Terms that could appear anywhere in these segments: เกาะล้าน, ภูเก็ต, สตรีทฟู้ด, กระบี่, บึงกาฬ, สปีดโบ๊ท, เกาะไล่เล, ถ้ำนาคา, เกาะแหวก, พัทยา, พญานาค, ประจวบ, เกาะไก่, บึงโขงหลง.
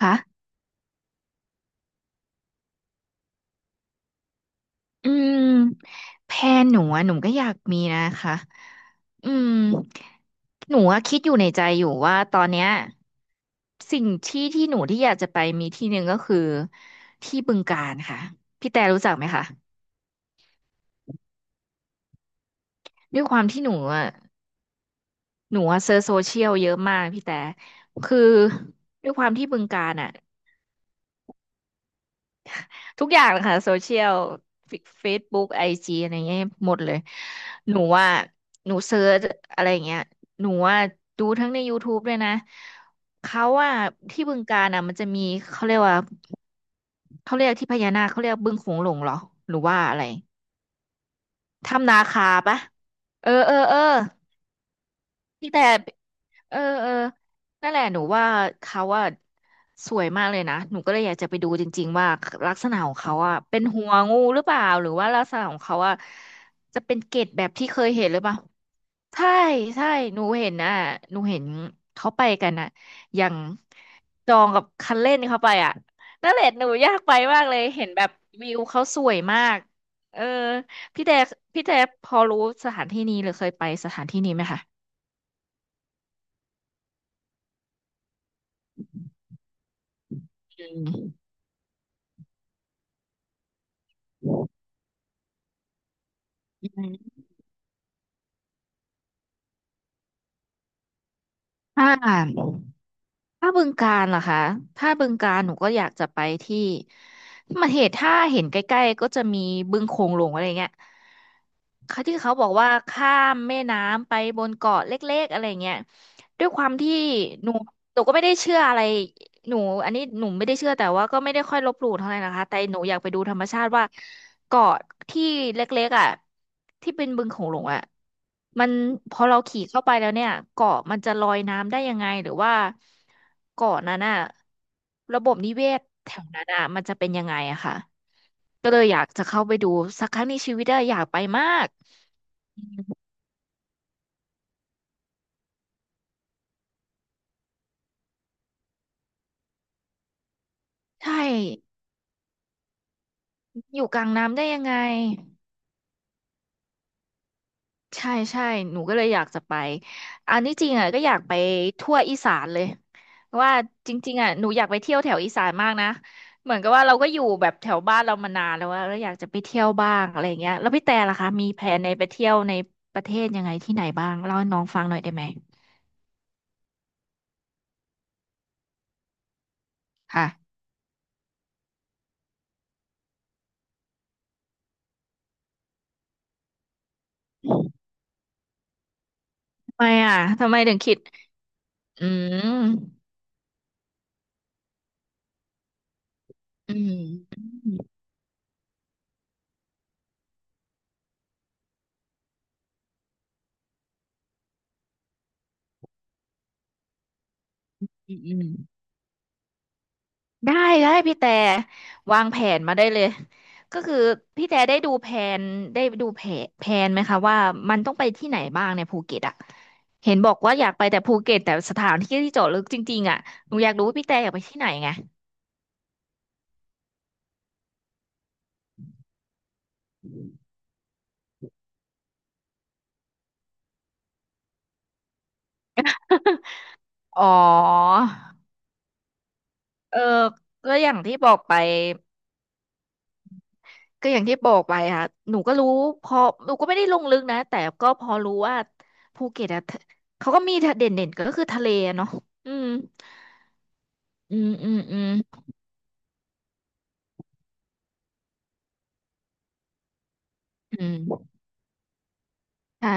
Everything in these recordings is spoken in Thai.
คะอืมแพลนหนูอะหนูก็อยากมีนะคะอืมหนูอะคิดอยู่ในใจอยู่ว่าตอนเนี้ยสิ่งที่หนูที่อยากจะไปมีที่หนึ่งก็คือที่บึงกาฬค่ะ พี่แต่รู้จักไหมคะ ด้วยความที่หนูอะเซิร์ชโซเชียลเยอะมากพี่แต่คือด้วยความที่บึงกาฬอะ ทุกอย่างเลยค่ะโซเชียลเฟซบุ๊กไอจีอะไรเงี้ยหมดเลยหนูว่าหนูเซิร์ชอะไรเงี้ยหนูว่าดูทั้งใน YouTube ด้วยนะเขาว่าที่บึงกาฬอ่ะมันจะมีเขาเรียกว่าเขาเรียกที่พญานาคเขาเรียกบึงโขงหลงเหรอหรือว่าอะไรถ้ำนาคาปะเออเออเออ พี่แต่เออเออนั่นแหละหนูว่าเขาว่าสวยมากเลยนะหนูก็เลยอยากจะไปดูจริงๆว่าลักษณะของเขาอะเป็นหัวงูหรือเปล่าหรือว่าลักษณะของเขาอะจะเป็นเกล็ดแบบที่เคยเห็นหรือเปล่าใช่ใช่หนูเห็นนะหนูเห็นเขาไปกันนะอย่างจองกับคันเล่นเขาไปอ่ะนั่นแหละหนูอยากไปมากเลยเห็นแบบวิวเขาสวยมากเออพี่แต่พี่แต่พอรู้สถานที่นี้หรือเคยไปสถานที่นี้ไหมคะ อืมอืมถ้าถ้าบึงกาฬเหรอคะถ้าบึงกาฬหนูก็อยากจะไปที่มาเหตุถ้าเห็นใกล้ๆก็จะมีบึงโขงหลงอะไรเงี้ยเขาที่เขาบอกว่าข้ามแม่น้ำไปบนเกาะเล็กๆอะไรเงี้ยด้วยความที่หนูหนูก็ไม่ได้เชื่ออะไร หนูอันนี้หนูไม่ได้เชื่อแต่ว่าก็ไม่ได้ค่อยลบหลู่เท่าไหร่นะคะแต่หนูอยากไปดูธรรมชาติว่าเกาะที่เล็กๆอ่ะที่เป็นบึงโขงหลงอ่ะมันพอเราขี่เข้าไปแล้วเนี่ยเกาะมันจะลอยน้ำได้ยังไงหรือว่าเกาะนั้นอ่ะระบบนิเวศแถวนั้นอ่ะมันจะเป็นยังไงอะค่ะก็เลยอยากจะเข้าไปดูสักครั้งในชีวิตอะอยากไปมากใช่อยู่กลางน้ำได้ยังไง ใช่ใช่หนูก็เลยอยากจะไปอันที่จริงอ่ะก็อยากไปทั่วอีสานเลยเพราะว่าจริงๆอ่ะหนูอยากไปเที่ยวแถวอีสานมากนะเหมือนกับว่าเราก็อยู่แบบแถวบ้านเรามานานแล้วว่าเราอยากจะไปเที่ยวบ้างอะไรอย่างเงี้ยแล้วพี่แต่ล่ะคะมีแผนในไปเที่ยวในประเทศยังไงที่ไหนบ้างเล่าให้น้องฟังหน่อยได้ไหมค่ะทำไมอ่ะทำไมถึงคิดอืมอืมอืมอืม ได้ได้พี่แต่วางแผนมาได้เลยก็คือพี่แต่ได้ดูแผนได้ดูแผนไหมคะว่ามันต้องไปที่ไหนบ้างในภูเก็ตอ่ะเห็นบอกว่าอยากไปแต่ภูเก็ตแต่สถานที่ที่เจาะลึกจริงๆอ่ะหนูอยากรู้ว่าพี่แต่อยากไปที่ไหนไง อ๋อเออก็อย่างที่บอกไปก็อย่างที่บอกไปค่ะหนูก็รู้พอหนูก็ไม่ได้ลงลึกนะแต่ก็พอรู้ว่าภูเก็ตอะทะเขาก็มีเด่นๆก็คือทะเลอะเนาะอืมอืมอืมอืม อืมใช่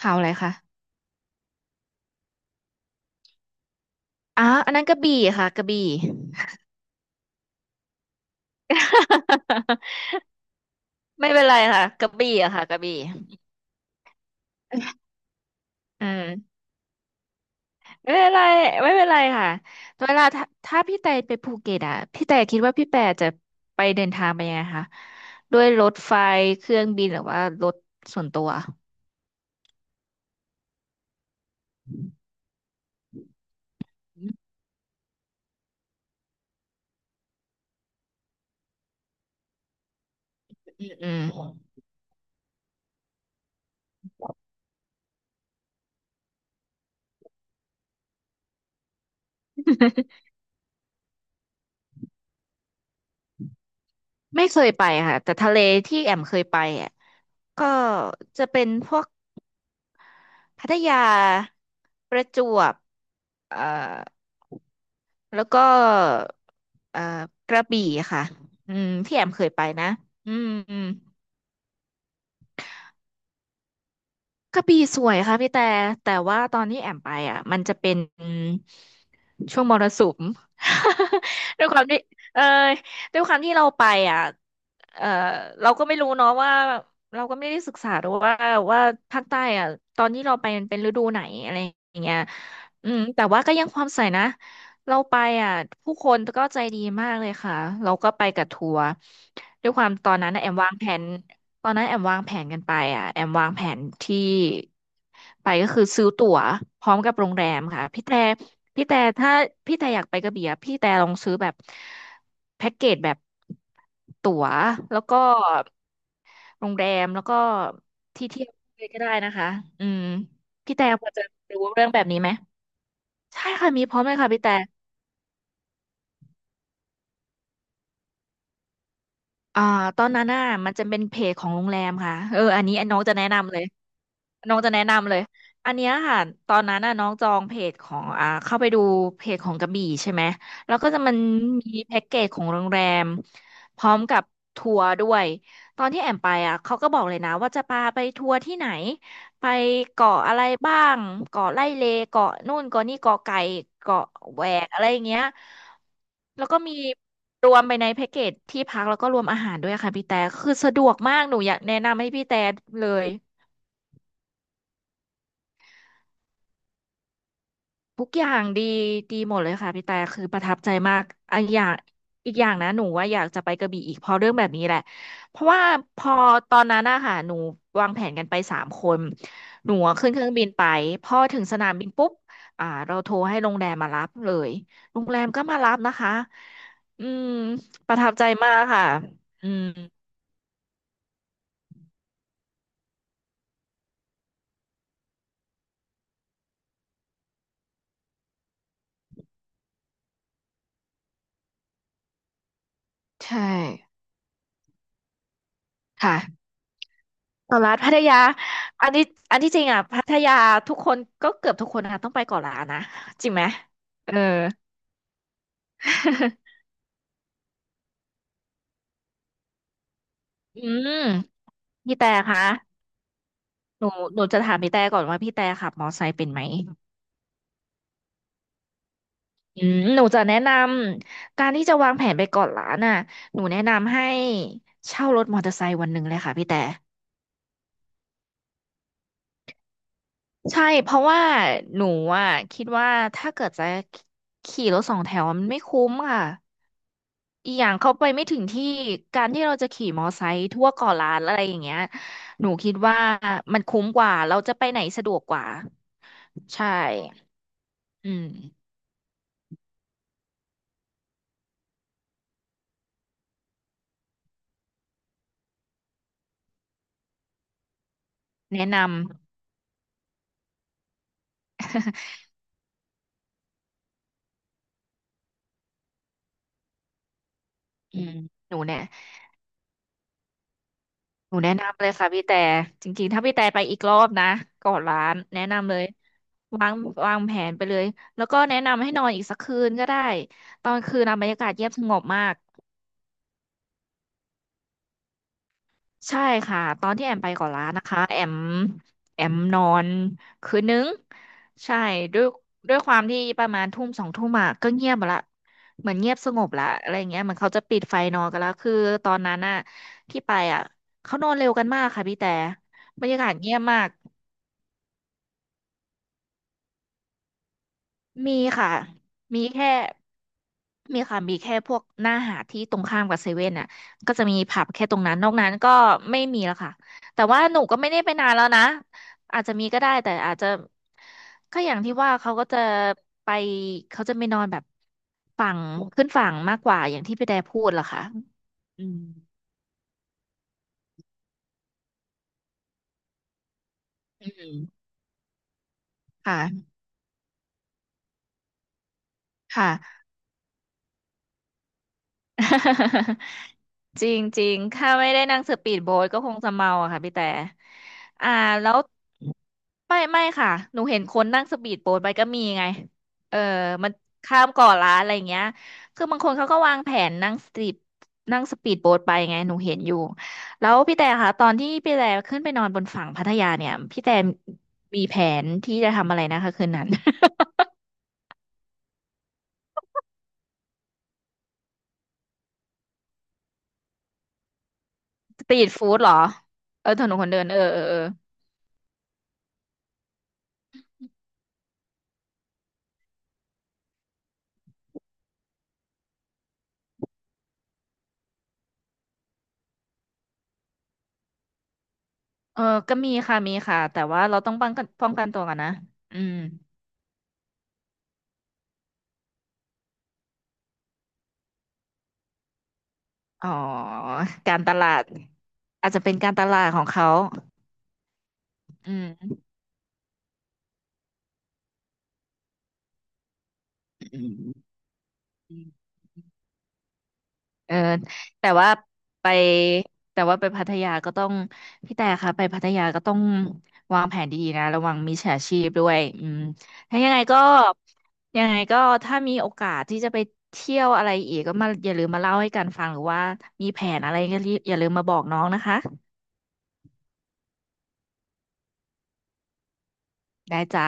ข่าวอะไรคะอ๋ออันนั้นกระบี่ค่ะกระบี่ ไม่เป็นไรค่ะกระบี่อะค่ะกระบี่อืมไม่เป็นไรไม่เป็นไรค่ะเวลาถ้าถ้าพี่แต่ไปภูเก็ตอะพี่แต่คิดว่าพี่แต่จะไปเดินทางไปยังไงคะด้วยรถไฟเครื่องบินหรือว่ารถส่วนตัวอืมอืมอืม ไม่เคยไปค่ะแต่ทะเลที่แอมเคยไปอะก็จะเป็นพวก พัทยาประจวบเอ่อแล้วก็เอ่อกระบี่ค่ะอืมที่แอมเคยไปนะอืม กระบี่สวยค่ะพี่แต่แต่ว่าตอนที่แอมไปอ่ะมันจะเป็นช่วงมรสุม ด้วยความที่เออด้วยความที่เราไปอ่ะเออเราก็ไม่รู้เนาะว่าเราก็ไม่ได้ศึกษาดูว่าว่าภาคใต้อ่ะตอนที่เราไปมันเป็นฤดูไหนอะไรอย่างเงี้ยอืมแต่ว่าก็ยังความใส่นะเราไปอ่ะผู้คนก็ใจดีมากเลยค่ะเราก็ไปกับทัวร์ด้วยความตอนนั้นนะแอมวางแผน ตอนนั้นแอมวางแผนกันไปอ่ะแอมวางแผนที่ไปก็คือซื้อตั๋วพร้อมกับโรงแรมค่ะพี่แต่พี่แต่ถ้าพี่แต่อยากไปกระบี่อะพี่แต่ลองซื้อแบบแพ็กเกจแบบตั๋วแล้วก็โรงแรมแล้วก็ที่เที่ยวเลยก็ได้นะคะอืมพี่แต่พอจะรู้เรื่องแบบนี้ไหมใช่ค่ะมีพร้อมเลยค่ะพี่แต่ อ่าตอนนั้นน่ะมันจะเป็นเพจของโรงแรมค่ะเอออันนี้น้องจะแนะนำเลยน้องจะแนะนำเลยอันเนี้ยค่ะตอนนั้นน่ะน้องจองเพจของเข้าไปดูเพจของกระบี่ใช่ไหมแล้วก็จะมันมีแพ็กเกจของโรงแรมพร้อมกับทัวร์ด้วยตอนที่แอมไปอ่ะเขาก็บอกเลยนะว่าจะพาไปทัวร์ที่ไหน ไปเกาะอะไรบ้างเกาะไล่เลเกาะนู่นเกาะนี่เกาะไก่เกาะแหวกอะไรอย่างเงี้ยแล้วก็มีรวมไปในแพ็กเกจที่พักแล้วก็รวมอาหารด้วยค่ะพี่แต่คือสะดวกมากหนูอยากแนะนำให้พี่แต่เลย ทุกอย่างดีดีหมดเลยค่ะพี่แต่คือประทับใจมากอันอย่างอีกอย่างนะหนูว่าอยากจะไปกระบี่อีกเพราะเรื่องแบบนี้แหละเพราะว่าพอตอนนั้นอะค่ะหนูวางแผนกันไป3 คนหนูอะขึ้นเครื่องบินไปพอถึงสนามบินปุ๊บเราโทรให้โรงแรมมารับเลยโรงแรมก็มารับนะคะอืมประทับใจมากค่ะอืมใช่ค่ะ เกาะล้านพัทยาอันนี้อันที่จริงอ่ะพัทยาทุกคนก็เกือบทุกคนอ่ะต้องไปเกาะล้านนะจริงไหมเออ อืมพี่แต่คะหนูหนูจะถามพี่แต่ก่อนว่าพี่แต่ขับมอไซค์เป็นไหมอืมหนูจะแนะนำการที่จะวางแผนไปเกาะล้านน่ะหนูแนะนำให้เช่ารถมอเตอร์ไซค์วันหนึ่งเลยค่ะพี่แต่ใช่เพราะว่าหนูอ่ะคิดว่าถ้าเกิดจะขี่รถสองแถวมันไม่คุ้มค่ะ อีกอย่างเขาไปไม่ถึงที่การที่เราจะขี่มอไซค์ทั่วเกาะล้านอะไรอย่างเงี้ยหนูคิดว่ามันคุ้มกว่าเราจะไปไหนสะดวกกว่าใช่อืมแนะนำอืมหนูเนี่ยหนูแนะนำเลยค่ะพี่แต่จริงๆถ้าพี่แต่ไปอีกรอบนะเกาะล้านแนะนำเลยวางวางแผนไปเลยแล้วก็แนะนำให้นอนอีกสักคืนก็ได้ตอนคืนนะบรรยากาศเงียบสงบมาก ใช่ค่ะตอนที่แอมไปเกาะล้านนะคะแอมนอน1 คืนใช่ด้วยด้วยความที่ประมาณทุ่มสองทุ่มอะก็เงียบหมดละเหมือนเงียบสงบละอะไรเงี้ยเหมือนเขาจะปิดไฟนอนกันแล้วคือตอนนั้นอะที่ไปอะเขานอนเร็วกันมากค่ะพี่แต่บรรยากาศเงียบมาก มีค่ะมีแค่มีค่ะมีแค่พวกหน้าหาดที่ตรงข้ามกับเซเว่นอ่ะก็จะมีผับแค่ตรงนั้นนอกนั้นก็ไม่มีแล้วค่ะ แต่ว่าหนูก็ไม่ได้ไปนานแล้วนะ อาจจะมีก็ได้ แต่อาจจะ ก็อย่างที่ว่าเขาก็จะไปเขาจะไม่นอนแบบฝั่งขึ้นฝั่งมากกว่าอย่างที่พี่แต่พูดล่ะค่ะอืมอืมค่ะค่ะ จริงจริงถ้าไม่ได้นั่งสปีดโบ๊ทก็คงจะเมาอะค่ะพี่แต่อ่าแล้วไม่ค่ะหนูเห็นคนนั่งสปีดโบ๊ทไปก็มีไงเออมันข้ามเกาะล้านอะไรอย่างเงี้ยคือบางคนเขาก็วางแผนนั่งสปีดโบ๊ทไปไงหนูเห็นอยู่แล้วพี่แต่ค่ะตอนที่พี่แต่ขึ้นไปนอนบนฝั่งพัทยาเนี่ยพี่แต่มีแผนที่จะทำอะไรนะคะคืนนั้น สตรีทฟู้ด เหรอเออถนนคนเดินเออเออเออ เออ ก็มีค่ะ มีค่ะ แต่ว่าเราต้องป้องกันตัวกันนะอืมอ๋อการตลาดอาจจะเป็นการตลาดของเขาอืมอืมอืมเออ แต่ว่าไปแต่ว่าไปพัทยาก็ต้องพี่แต่ค่ะไปพัทยาก็ต้องวางแผนดีๆนะระวังมิจฉาชีพด้วยอืมถ้ายังไงก็ยังไงก็ถ้ามีโอกาสที่จะไปเที่ยวอะไรอีกก็มาอย่าลืมมาเล่าให้กันฟังหรือว่ามีแผนอะไรก็รีบอย่าลืมมาบอกน้องนะคะ ได้จ้า